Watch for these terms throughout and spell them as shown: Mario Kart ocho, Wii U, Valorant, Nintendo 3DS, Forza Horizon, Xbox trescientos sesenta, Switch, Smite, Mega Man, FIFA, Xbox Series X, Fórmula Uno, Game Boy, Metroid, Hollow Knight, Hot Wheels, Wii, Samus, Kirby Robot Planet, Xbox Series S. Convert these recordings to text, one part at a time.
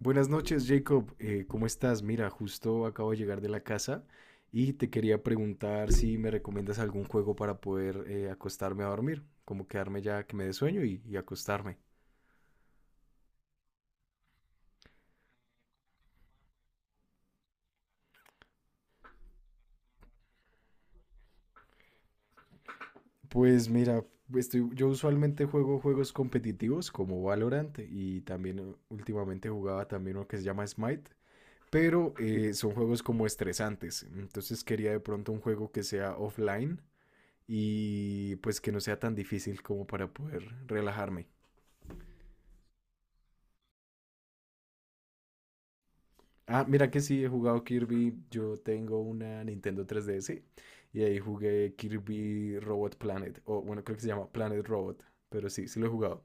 Buenas noches, Jacob. ¿Cómo estás? Mira, justo acabo de llegar de la casa y te quería preguntar si me recomiendas algún juego para poder acostarme a dormir, como quedarme ya que me dé sueño y acostarme. Pues mira, yo usualmente juego juegos competitivos como Valorant y también últimamente jugaba también uno que se llama Smite, pero son juegos como estresantes. Entonces quería de pronto un juego que sea offline y pues que no sea tan difícil como para poder relajarme. Ah, mira que sí, he jugado Kirby. Yo tengo una Nintendo 3DS y ahí jugué Kirby Robot Planet. O bueno, creo que se llama Planet Robot. Pero sí, sí lo he jugado.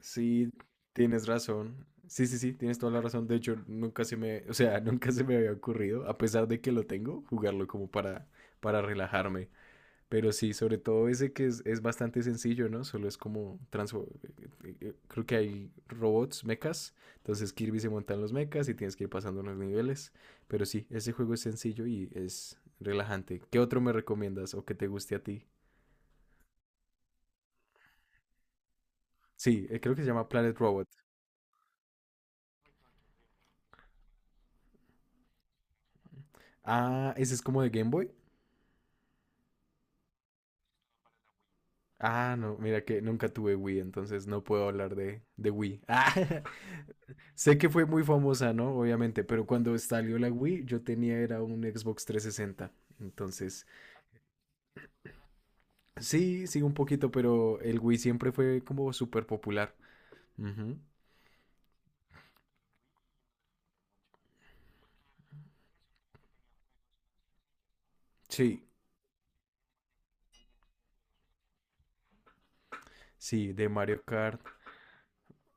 Sí, tienes razón. Sí, sí, sí, tienes toda la razón. De hecho, nunca se me, o sea, nunca se me había ocurrido, a pesar de que lo tengo, jugarlo como para relajarme. Pero sí, sobre todo ese que es bastante sencillo, ¿no? Solo es como Creo que hay robots, mechas. Entonces Kirby se montan los mechas y tienes que ir pasando los niveles. Pero sí, ese juego es sencillo y es relajante. ¿Qué otro me recomiendas o que te guste a ti? Sí, creo que se llama Planet Robot. Ah, ese es como de Game Boy. Ah, no, mira que nunca tuve Wii, entonces no puedo hablar de Wii. Sé que fue muy famosa, ¿no? Obviamente, pero cuando salió la Wii, yo tenía era un Xbox 360. Entonces, sí, sí, un poquito, pero el Wii siempre fue como súper popular. Ujú. Sí, sí, de Mario Kart.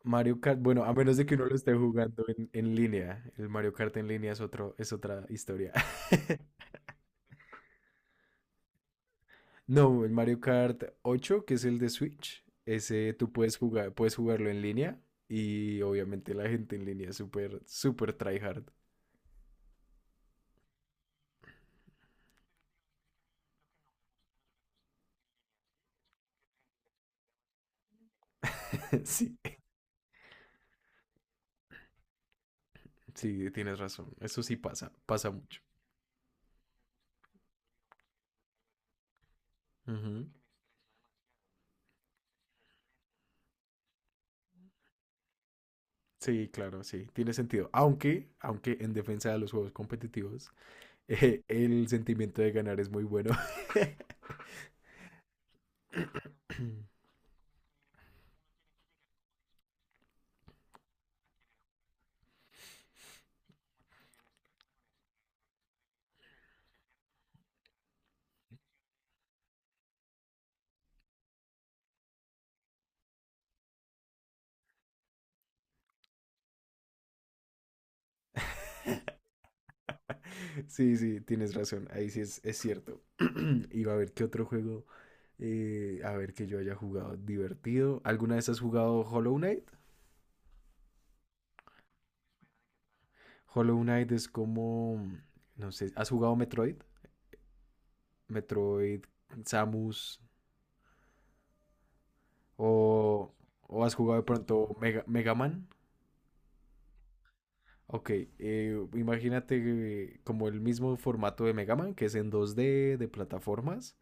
Mario Kart, bueno, a menos de que uno lo esté jugando en línea. El Mario Kart en línea es es otra historia. No, el Mario Kart 8, que es el de Switch, ese tú puedes jugar, puedes jugarlo en línea. Y obviamente la gente en línea es súper, súper tryhard. Sí. Sí, tienes razón. Eso sí pasa, pasa mucho. Ujú. Sí, claro, sí, tiene sentido. Aunque en defensa de los juegos competitivos, el sentimiento de ganar es muy bueno. Sí, sí, tienes razón. Ahí sí es cierto. Iba a ver qué otro juego, a ver que yo haya jugado divertido. ¿Alguna vez has jugado Hollow Knight? Hollow Knight es como, no sé, ¿has jugado Metroid? Metroid, Samus, O, o has jugado de pronto Mega Man. Ok, imagínate como el mismo formato de Mega Man, que es en dos d de plataformas,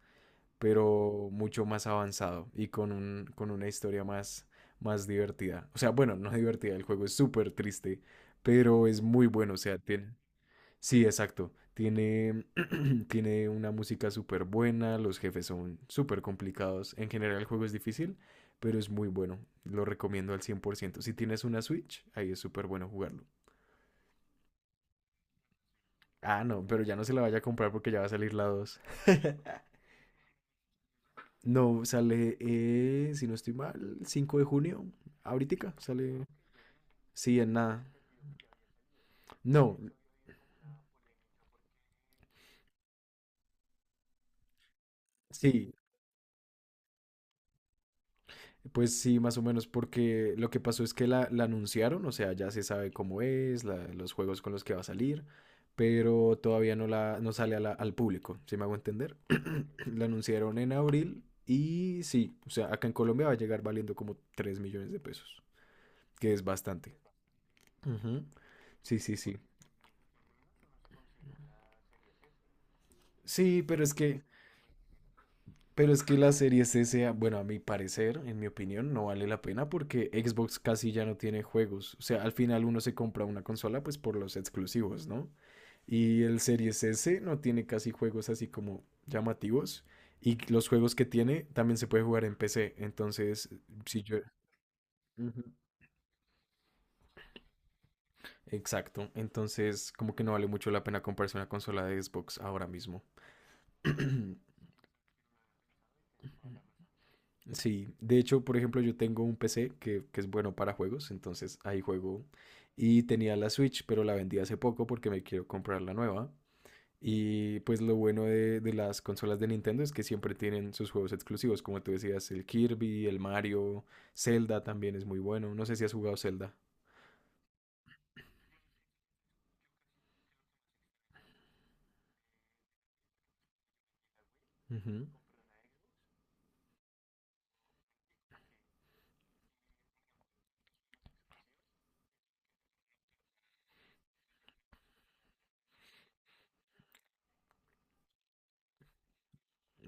pero mucho más avanzado y con con una historia más, más divertida. O sea, bueno, no divertida, el juego es súper triste, pero es muy bueno, o sea, tiene... Sí, exacto. Tiene, tiene una música súper buena, los jefes son súper complicados. En general el juego es difícil, pero es muy bueno. Lo recomiendo al 100%. Si tienes una Switch, ahí es súper bueno jugarlo. Ah, no, pero ya no se la vaya a comprar porque ya va a salir la 2. No, sale, si no estoy mal, 5 de junio. Ahorita sale. Sí, en nada. No, sí. Pues sí, más o menos, porque lo que pasó es que la anunciaron, o sea, ya se sabe cómo es, los juegos con los que va a salir, pero todavía no, no sale a al público, si me hago entender. La anunciaron en abril y sí, o sea, acá en Colombia va a llegar valiendo como 3 millones de pesos, que es bastante. Ujú. Sí, sí, sí. Sí, pero es que, pero es que la Series S, bueno, a mi parecer, en mi opinión, no vale la pena porque Xbox casi ya no tiene juegos. O sea, al final uno se compra una consola pues por los exclusivos, ¿no? Y el Series S no tiene casi juegos así como llamativos. Y los juegos que tiene también se puede jugar en PC. Entonces, si yo... Ujú. Exacto. Entonces, como que no vale mucho la pena comprarse una consola de Xbox ahora mismo. Sí, de hecho, por ejemplo, yo tengo un PC que es bueno para juegos, entonces ahí juego. Y tenía la Switch, pero la vendí hace poco porque me quiero comprar la nueva. Y pues lo bueno de las consolas de Nintendo es que siempre tienen sus juegos exclusivos, como tú decías, el Kirby, el Mario, Zelda también es muy bueno. No sé si has jugado Zelda. Ujú.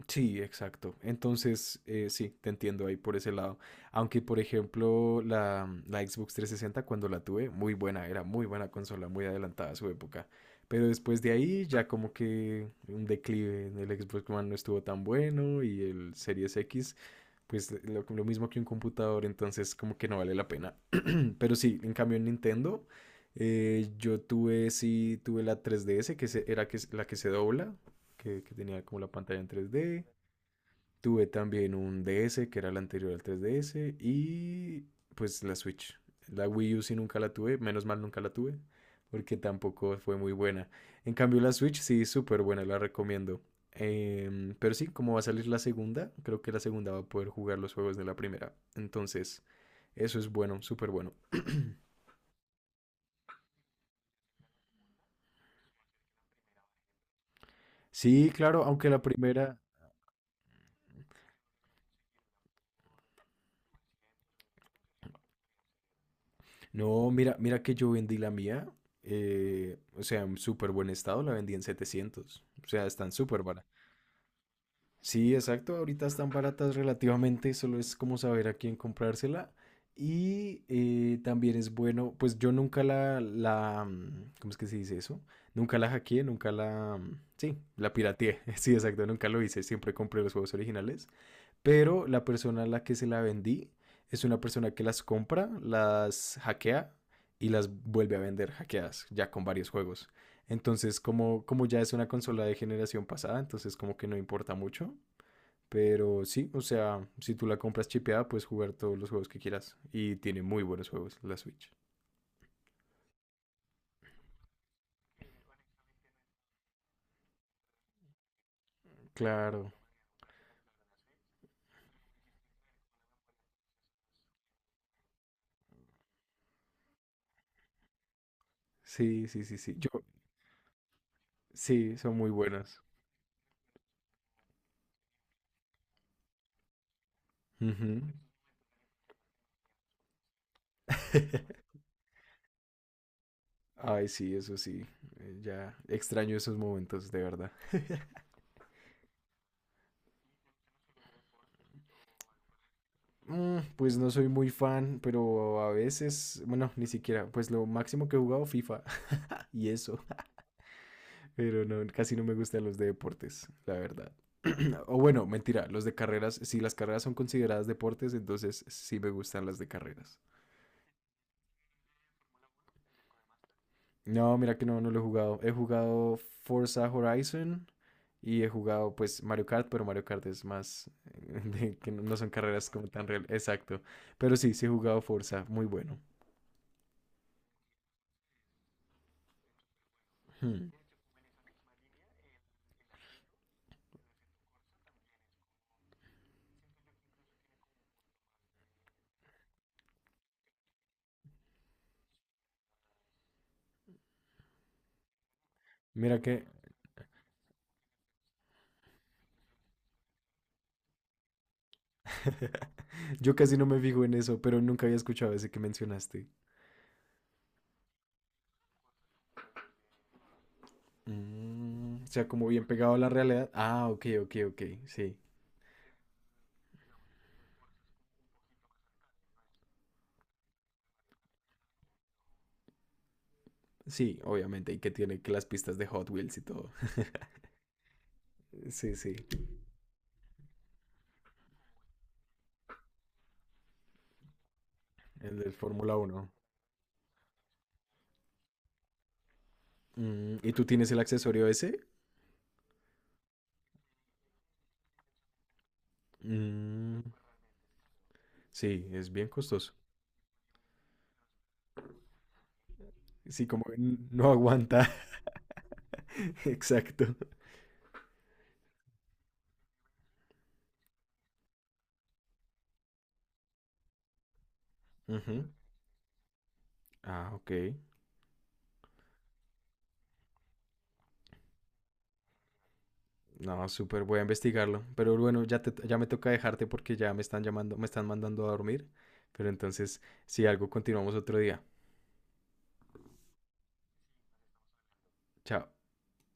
Sí, exacto. Entonces, sí, te entiendo ahí por ese lado. Aunque, por ejemplo, la Xbox 360 cuando la tuve, muy buena, era muy buena consola, muy adelantada a su época. Pero después de ahí ya como que un declive, el Xbox One no estuvo tan bueno y el Series X, pues lo mismo que un computador, entonces como que no vale la pena. Pero sí, en cambio en Nintendo, yo tuve, sí, tuve la 3DS, que era la que se dobla, que tenía como la pantalla en tres d. Tuve también un DS, que era el anterior al 3DS, y pues la Switch. La Wii U sí nunca la tuve, menos mal nunca la tuve, porque tampoco fue muy buena. En cambio la Switch sí, súper buena, la recomiendo. Pero sí, como va a salir la segunda, creo que la segunda va a poder jugar los juegos de la primera. Entonces, eso es bueno, súper bueno. Sí, claro, aunque la primera... No, mira, mira que yo vendí la mía. O sea, en súper buen estado, la vendí en 700. O sea, están súper. Sí, exacto. Ahorita están baratas relativamente, solo es como saber a quién comprársela. Y también es bueno, pues yo nunca ¿cómo es que se dice eso? Nunca la hackeé, nunca la, mm, sí, la pirateé. Sí, exacto, nunca lo hice, siempre compré los juegos originales. Pero la persona a la que se la vendí es una persona que las compra, las hackea y las vuelve a vender hackeadas, ya con varios juegos. Entonces, como ya es una consola de generación pasada, entonces como que no importa mucho. Pero sí, o sea, si tú la compras chipeada, puedes jugar todos los juegos que quieras. Y tiene muy buenos juegos la Switch. Claro. Sí, sí, sí, sí. Yo, sí, son muy buenos. Ujú. Ay, sí, eso sí. Ya extraño esos momentos, de verdad. Mm, pues no soy muy fan, pero a veces, bueno, ni siquiera. Pues lo máximo que he jugado FIFA y eso. Pero no, casi no me gustan los de deportes, la verdad. O bueno, mentira, los de carreras, si las carreras son consideradas deportes, entonces sí me gustan las de carreras. No, mira que no, no lo he jugado. He jugado Forza Horizon y he jugado pues Mario Kart, pero Mario Kart es más de que no no son carreras como tan real. Exacto. Pero sí, sí he jugado Forza, muy bueno. Hmm. Mira que yo casi no me fijo en eso, pero nunca había escuchado ese que mencionaste. Mm, o sea, como bien pegado a la realidad. Ah, ok, ok, ok. Sí, sí, obviamente. Y que tiene que las pistas de Hot Wheels y todo. Sí, sí, el del Fórmula Uno. Mm, ¿y tú tienes el accesorio ese? Mm, sí, es bien costoso. Sí, como que n- no aguanta. Exacto. Ujú. Ah, ok. No, súper, voy a investigarlo. Pero bueno, ya, ya me toca dejarte porque ya me están llamando, me están mandando a dormir. Pero entonces, si algo, continuamos otro día. Chao.